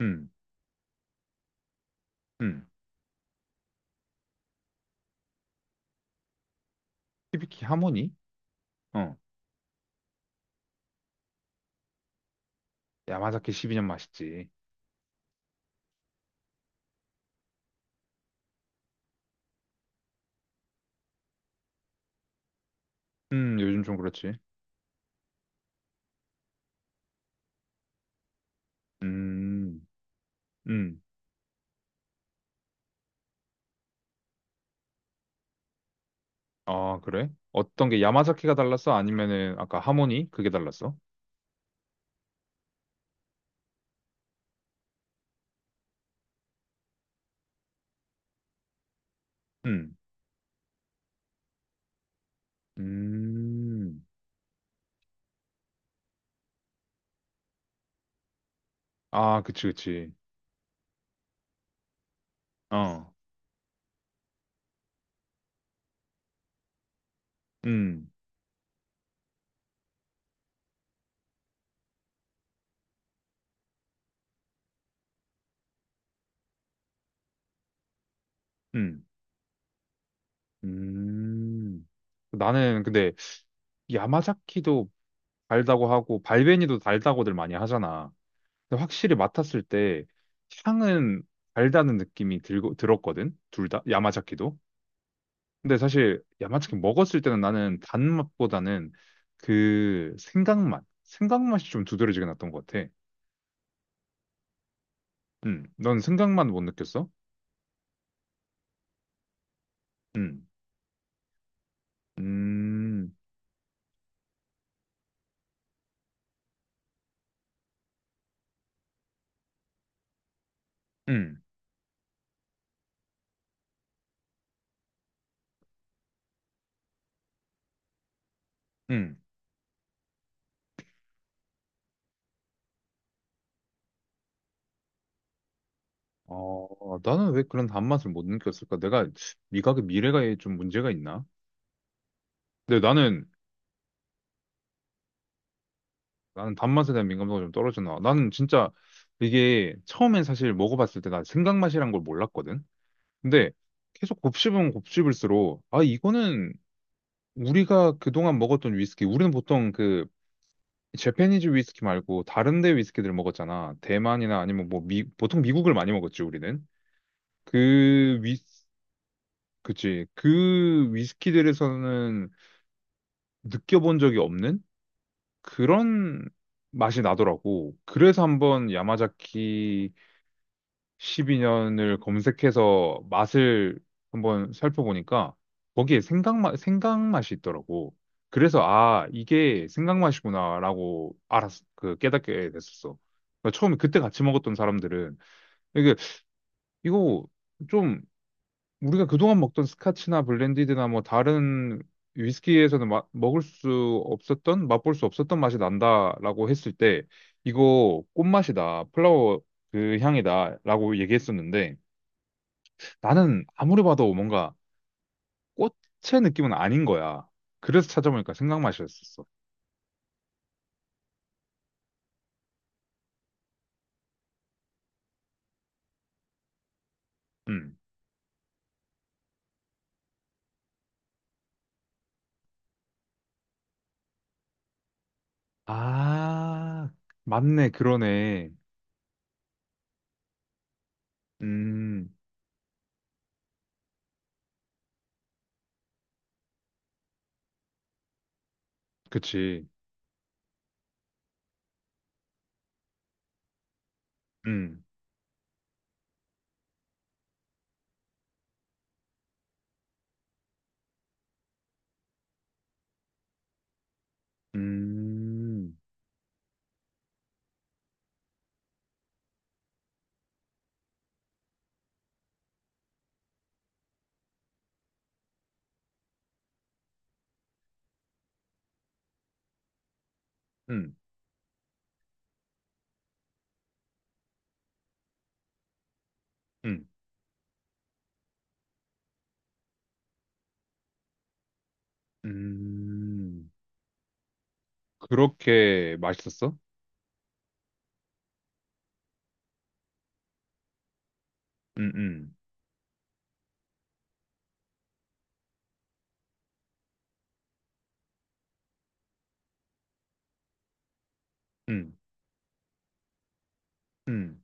음, 음. 히비키 하모니? 어. 야마자키 12년 맛있지. 요즘 좀 그렇지. 음, 음. 아, 그래? 어떤 게 야마자키가 달랐어? 아니면은 아까 하모니? 그게 달랐어? 음, 음. 아, 그치, 그치. 어, 음, 음, 음. 나는 근데 야마자키도 달다고 하고 발베니도 달다고들 많이 하잖아. 근데 확실히 맡았을 때 향은 달다는 느낌이 들고 들었거든. 둘다 야마자키도. 근데 사실 야마자키 먹었을 때는 나는 단맛보다는 그 생강맛, 생강맛이 좀 두드러지게 났던 것 같아. 넌 생강맛 못 느꼈어? 음, 음, 음, 음. 어, 나는 왜 그런 단맛을 못 느꼈을까? 내가 미각의 미래가에 좀 문제가 있나? 근데 나는 단맛에 대한 민감도가 좀 떨어지나. 나는 진짜 이게 처음엔 사실 먹어봤을 때 난 생강맛이란 걸 몰랐거든. 근데 계속 곱씹으면 곱씹을수록 아 이거는 우리가 그동안 먹었던 위스키 우리는 보통 그 재패니즈 위스키 말고 다른 데 위스키들을 먹었잖아. 대만이나 아니면 뭐 보통 미국을 많이 먹었지 우리는. 그 위, 그치. 그 위스키들에서는 느껴본 적이 없는 그런 맛이 나더라고. 그래서 한번 야마자키 12년을 검색해서 맛을 한번 살펴보니까 거기에 생강맛, 생강맛이 있더라고. 그래서 아, 이게 생강맛이구나라고 알았, 그 깨닫게 됐었어. 그러니까 처음에 그때 같이 먹었던 사람들은 이게 이거 좀 우리가 그동안 먹던 스카치나 블렌디드나 뭐 다른 위스키에서는 먹을 수 없었던 맛볼 수 없었던 맛이 난다라고 했을 때 이거 꽃맛이다 플라워 그 향이다라고 얘기했었는데 나는 아무리 봐도 뭔가 꽃의 느낌은 아닌 거야. 그래서 찾아보니까 생강맛이었었어. 음. 아, 맞네, 그러네. 음, 그치. 음, 음, 음, 음, 음. 그렇게 맛있었어? 음, 음, 음, 음,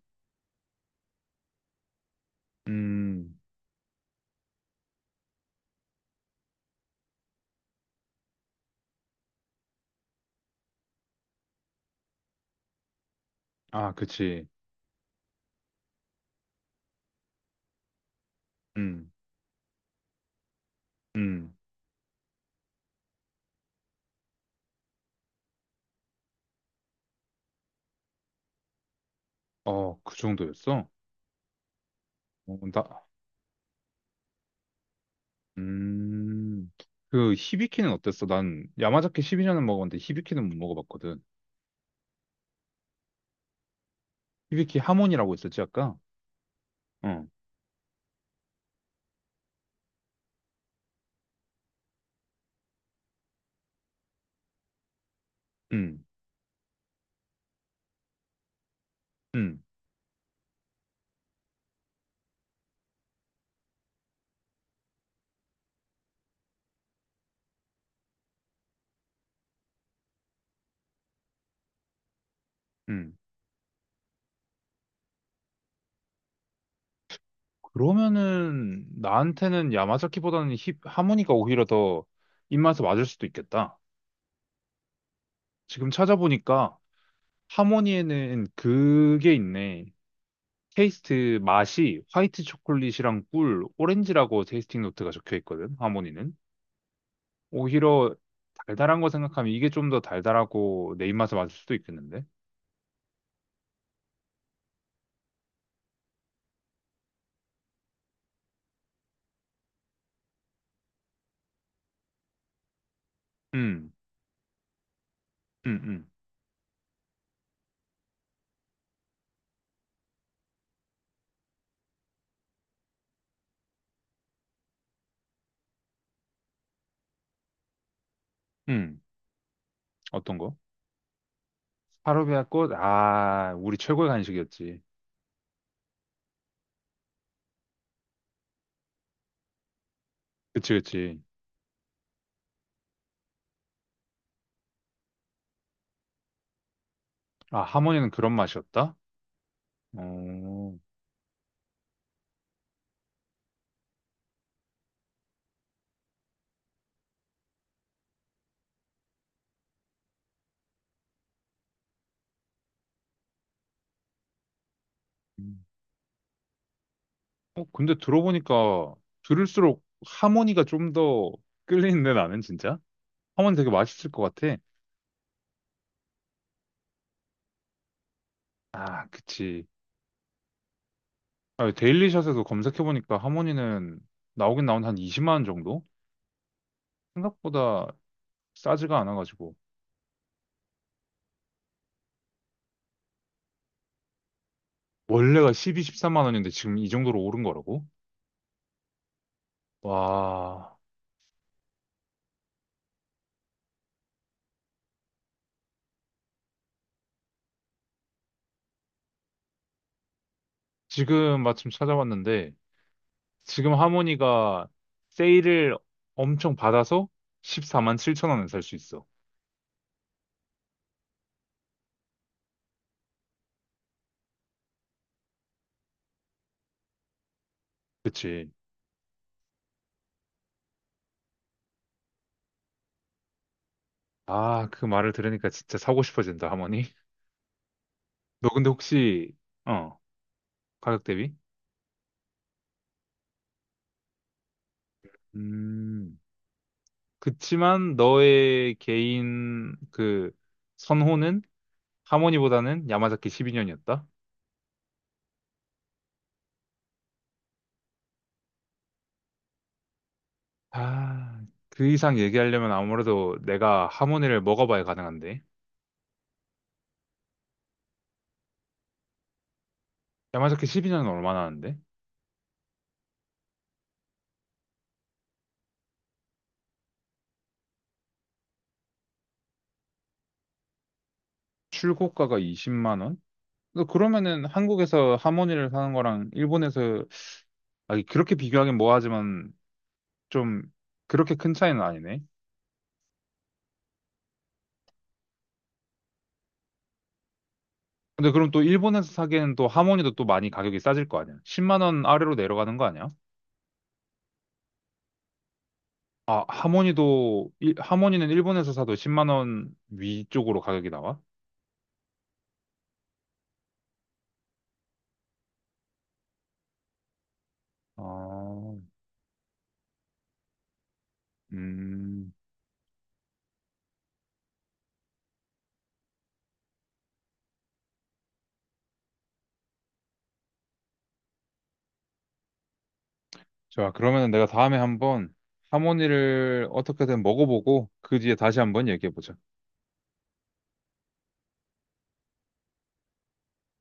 음. 아, 그치. 음, 음. 어, 그 정도였어? 어, 음, 그 히비키는 어땠어? 난 야마자키 12년은 먹어봤는데 히비키는 못 먹어봤거든. 히비키 하몬이라고 있었지 아까? 어, 음, 음, 음. 그러면은 나한테는 야마자키보다는 하모니가 오히려 더 입맛에 맞을 수도 있겠다. 지금 찾아보니까 하모니에는 그게 있네. 테이스트 맛이 화이트 초콜릿이랑 꿀, 오렌지라고 테이스팅 노트가 적혀 있거든. 하모니는. 오히려 달달한 거 생각하면 이게 좀 더 달달하고 내 입맛에 맞을 수도 있겠는데? 음, 음, 음, 음. 어떤 거? 파르베아 꽃? 아, 우리 최고의 간식이었지. 그치, 그치. 아, 하모니는 그런 맛이었다? 어, 음. 어, 근데 들어보니까 들을수록 하모니가 좀 더 끌리는데 나는 진짜? 하모니 되게 맛있을 것 같아. 아, 그치. 아, 데일리샷에서 검색해보니까 하모니는 나오긴 나온 한 20만 원 정도? 생각보다 싸지가 않아가지고. 원래가 12, 13만 원인데 지금 이 정도로 오른 거라고? 와, 지금 마침 찾아봤는데 지금 하모니가 세일을 엄청 받아서 14만 7천 원에 살 수 있어. 그치? 아, 그 말을 들으니까 진짜 사고 싶어진다, 하모니. 너 근데 혹시, 어, 가격 대비? 음, 그치만 너의 개인 그 선호는 하모니보다는 야마자키 12년이었다? 아, 그 이상 얘기하려면 아무래도 내가 하모니를 먹어봐야 가능한데. 야마자키 12년은 얼마나 하는데? 출고가가 20만 원? 너 그러면은 한국에서 하모니를 사는 거랑 일본에서 아, 그렇게 비교하긴 뭐하지만 좀 그렇게 큰 차이는 아니네. 근데 그럼 또 일본에서 사기에는 또 하모니도 또 많이 가격이 싸질 거 아니야? 10만 원 아래로 내려가는 거 아니야? 아, 하모니도 하모니는 일본에서 사도 10만 원 위쪽으로 가격이 나와? 아, 음. 좋아 그러면 내가 다음에 한번 하모니를 어떻게든 먹어보고 그 뒤에 다시 한번 얘기해보자.